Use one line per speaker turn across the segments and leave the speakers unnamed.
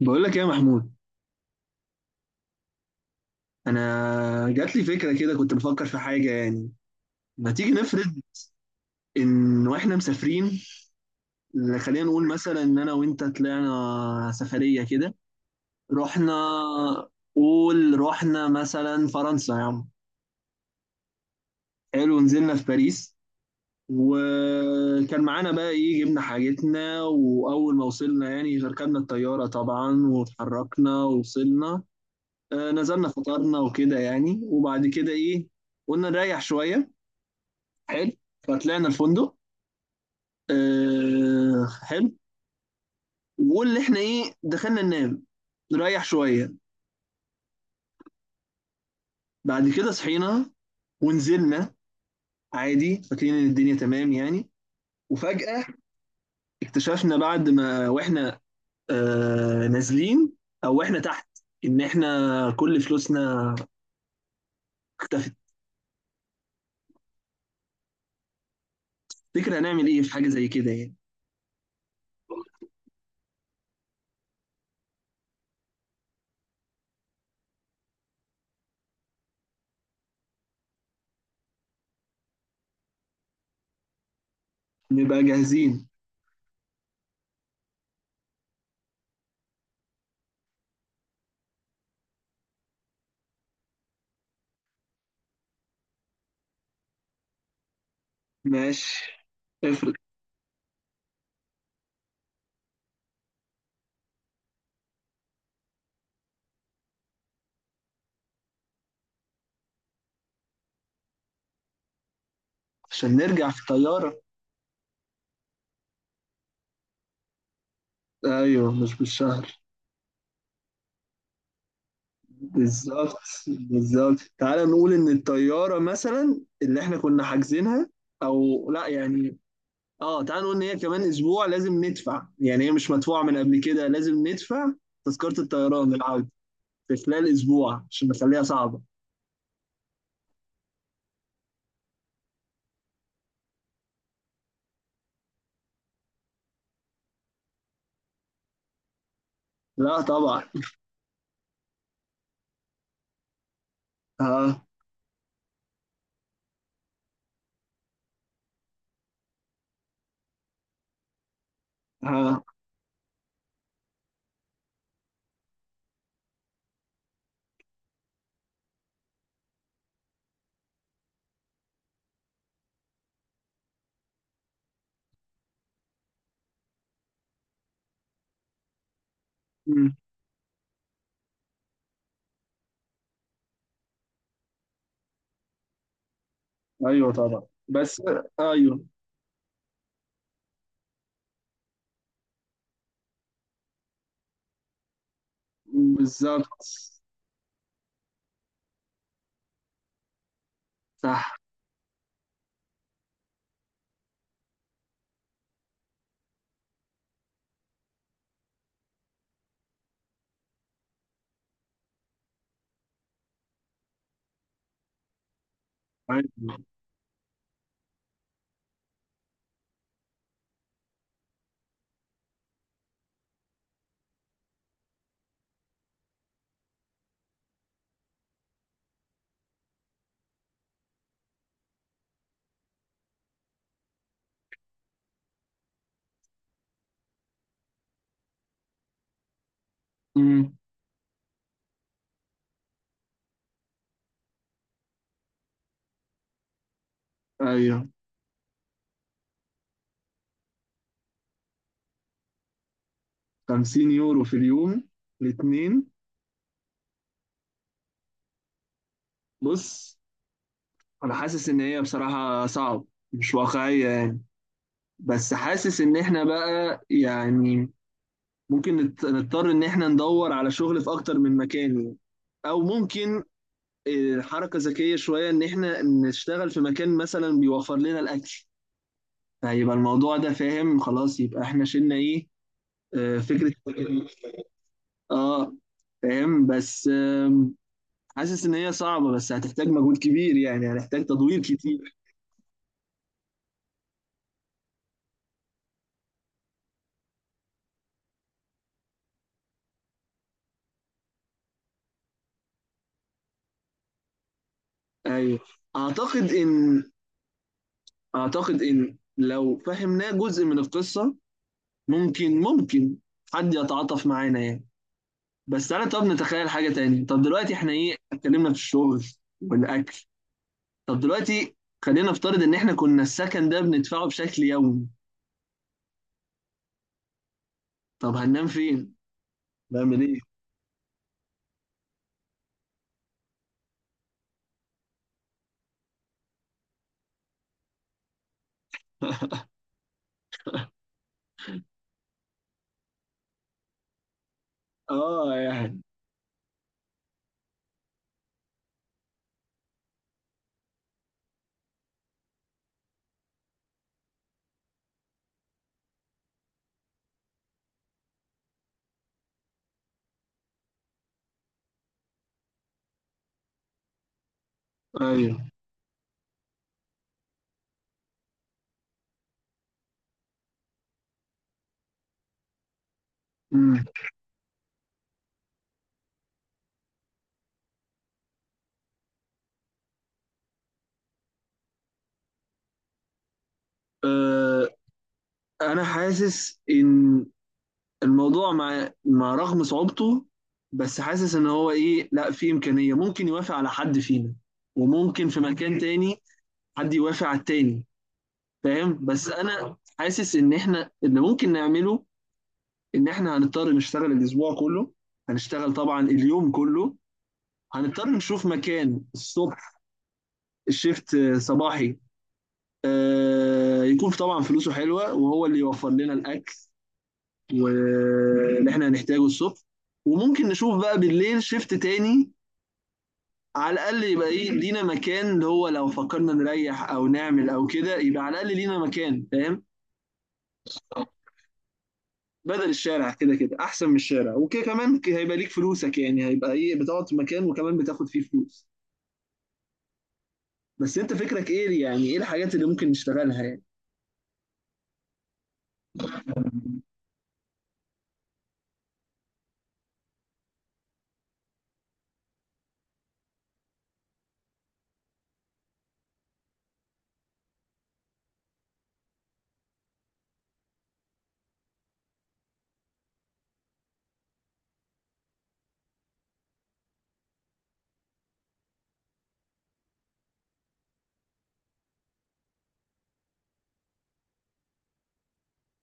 بقول لك ايه يا محمود. انا جات لي فكره كده، كنت بفكر في حاجه يعني. ما تيجي نفرض ان واحنا مسافرين. خلينا نقول مثلا ان انا وانت طلعنا سفريه كده. رحنا، قول رحنا مثلا فرنسا يا عم. حلو، نزلنا في باريس. وكان معانا بقى ايه، جبنا حاجتنا، واول ما وصلنا يعني ركبنا الطياره طبعا واتحركنا ووصلنا. نزلنا فطرنا وكده يعني، وبعد كده ايه، قلنا نريح شويه. حلو، فطلعنا الفندق. آه حلو. واللي احنا ايه دخلنا ننام، نريح شويه. بعد كده صحينا ونزلنا عادي، فاكرين ان الدنيا تمام يعني. وفجاه اكتشفنا بعد ما واحنا نازلين، او واحنا تحت، ان احنا كل فلوسنا اختفت. فكرة هنعمل ايه في حاجة زي كده يعني. نبقى جاهزين. ماشي، افرض. عشان نرجع في الطيارة. ايوه مش بالشهر. بالظبط، بالظبط. تعال نقول ان الطياره مثلا اللي احنا كنا حاجزينها، او لا يعني، اه تعال نقول ان هي كمان اسبوع لازم ندفع، يعني هي مش مدفوعه من قبل كده، لازم ندفع تذكره الطيران للعوده في خلال اسبوع عشان نخليها صعبه. لا طبعا. ها. ها. مم. ايوه طبعا. بس ايوه. بالظبط. صح. ايوه. مم. ايوه. 50 يورو في اليوم، الاثنين. بص، انا حاسس ان هي بصراحة صعب، مش واقعية يعني. بس حاسس ان احنا بقى يعني ممكن نضطر ان احنا ندور على شغل في اكتر من مكان يعني. او ممكن حركة ذكية شوية ان احنا نشتغل في مكان مثلا بيوفر لنا الاكل، فيبقى الموضوع ده فاهم خلاص، يبقى احنا شلنا ايه، فكرة اه فاهم بس حاسس ان هي صعبة بس هتحتاج مجهود كبير يعني، هنحتاج تدوير كتير. ايوه اعتقد ان، أعتقد إن لو فهمناه جزء من القصة، ممكن حد يتعاطف معانا يعني. بس أنا، طب نتخيل حاجة تاني. طب دلوقتي إحنا إيه اتكلمنا في الشغل والأكل. طب دلوقتي خلينا نفترض إن إحنا كنا السكن ده بندفعه بشكل يومي، طب هننام فين؟ نعمل إيه؟ آه يعني. أيوه. أمم. آه أنا حاسس إن الموضوع مع رغم صعوبته، بس حاسس ان هو ايه لا في امكانيه ممكن يوافق على حد فينا، وممكن في مكان تاني حد يوافق على التاني. فاهم، بس انا حاسس ان احنا اللي ممكن نعمله ان احنا هنضطر نشتغل الاسبوع كله، هنشتغل طبعا اليوم كله. هنضطر نشوف مكان الصبح، الشيفت صباحي، يكون طبعا فلوسه حلوه وهو اللي يوفر لنا الاكل واللي احنا هنحتاجه الصبح. وممكن نشوف بقى بالليل شيفت تاني، على الاقل يبقى ايه لينا مكان، اللي هو لو فكرنا نريح او نعمل او كده يبقى على الاقل لينا مكان فاهم. بدل الشارع، كده كده احسن من الشارع، وكده كمان هيبقى ليك فلوسك يعني، هيبقى ايه بتقعد في مكان وكمان بتاخد فيه فلوس. بس انت فكرك ايه، يعني ايه الحاجات اللي ممكن نشتغلها يعني.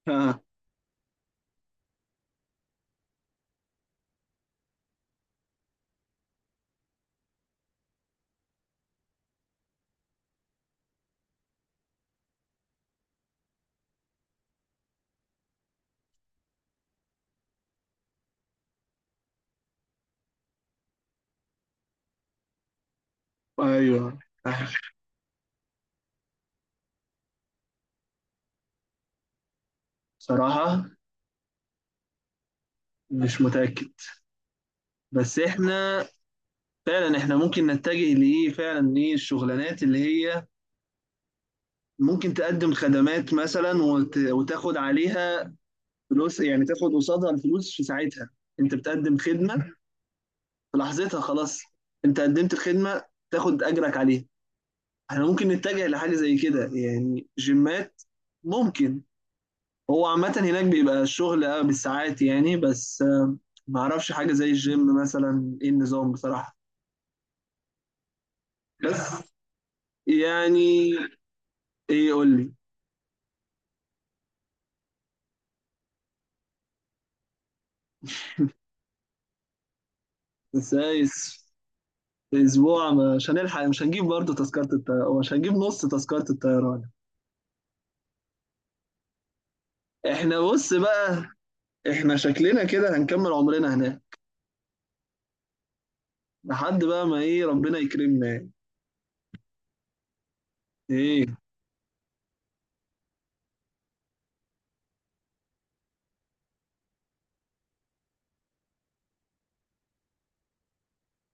آه. ايوه. آه. صراحة مش متأكد. بس احنا فعلا، احنا ممكن نتجه لايه، فعلا ايه الشغلانات اللي هي ممكن تقدم خدمات مثلا، وتاخد عليها فلوس يعني، تاخد قصادها الفلوس في ساعتها. انت بتقدم خدمة في لحظتها خلاص، انت قدمت الخدمة تاخد اجرك عليها. احنا ممكن نتجه لحاجة زي كده يعني، جيمات ممكن. هو عامة هناك بيبقى الشغل اه بالساعات يعني، بس ما اعرفش حاجة زي الجيم مثلا ايه النظام بصراحة. بس يعني ايه قول لي. بس اسبوع مش هنلحق، مش هنجيب برضه تذكرة الطيران، مش هنجيب نص تذكرة الطيران. احنا بص بقى، احنا شكلنا كده هنكمل عمرنا هناك لحد بقى ما ايه ربنا يكرمنا يعني. ايه.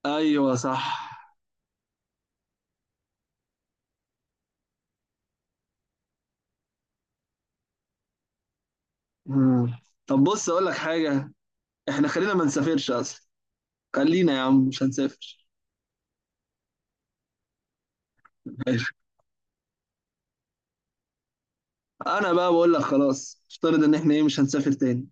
ايوه صح. مم. طب بص اقول لك حاجة، احنا خلينا ما نسافرش اصلا. خلينا يا عم مش هنسافر. ماشي. انا بقى بقول لك خلاص افترض ان احنا ايه مش هنسافر تاني.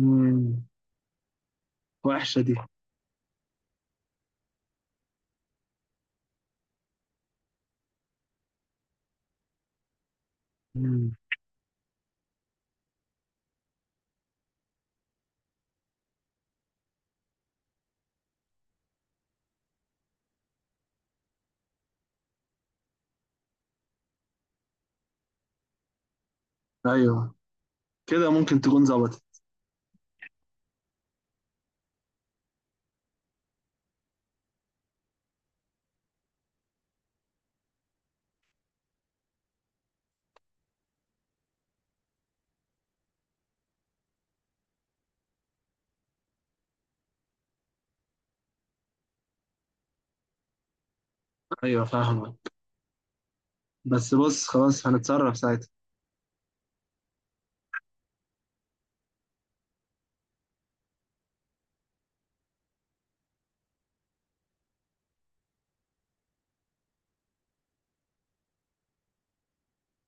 مم. وحشة دي. مم. ايوه كده ممكن تكون ظبطت. ايوه فاهمك، بس بص خلاص هنتصرف ساعتها.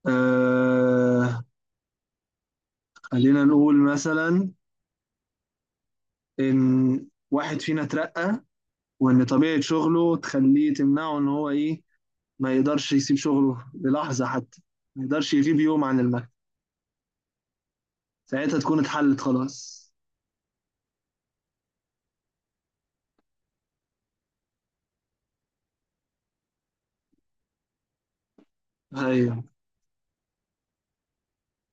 آه خلينا نقول مثلا إن واحد فينا اترقى، وإن طبيعة شغله تخليه تمنعه إن هو إيه ما يقدرش يسيب شغله للحظة حتى، ما يقدرش يغيب يوم عن المكتب. ساعتها تكون اتحلت خلاص. أيوه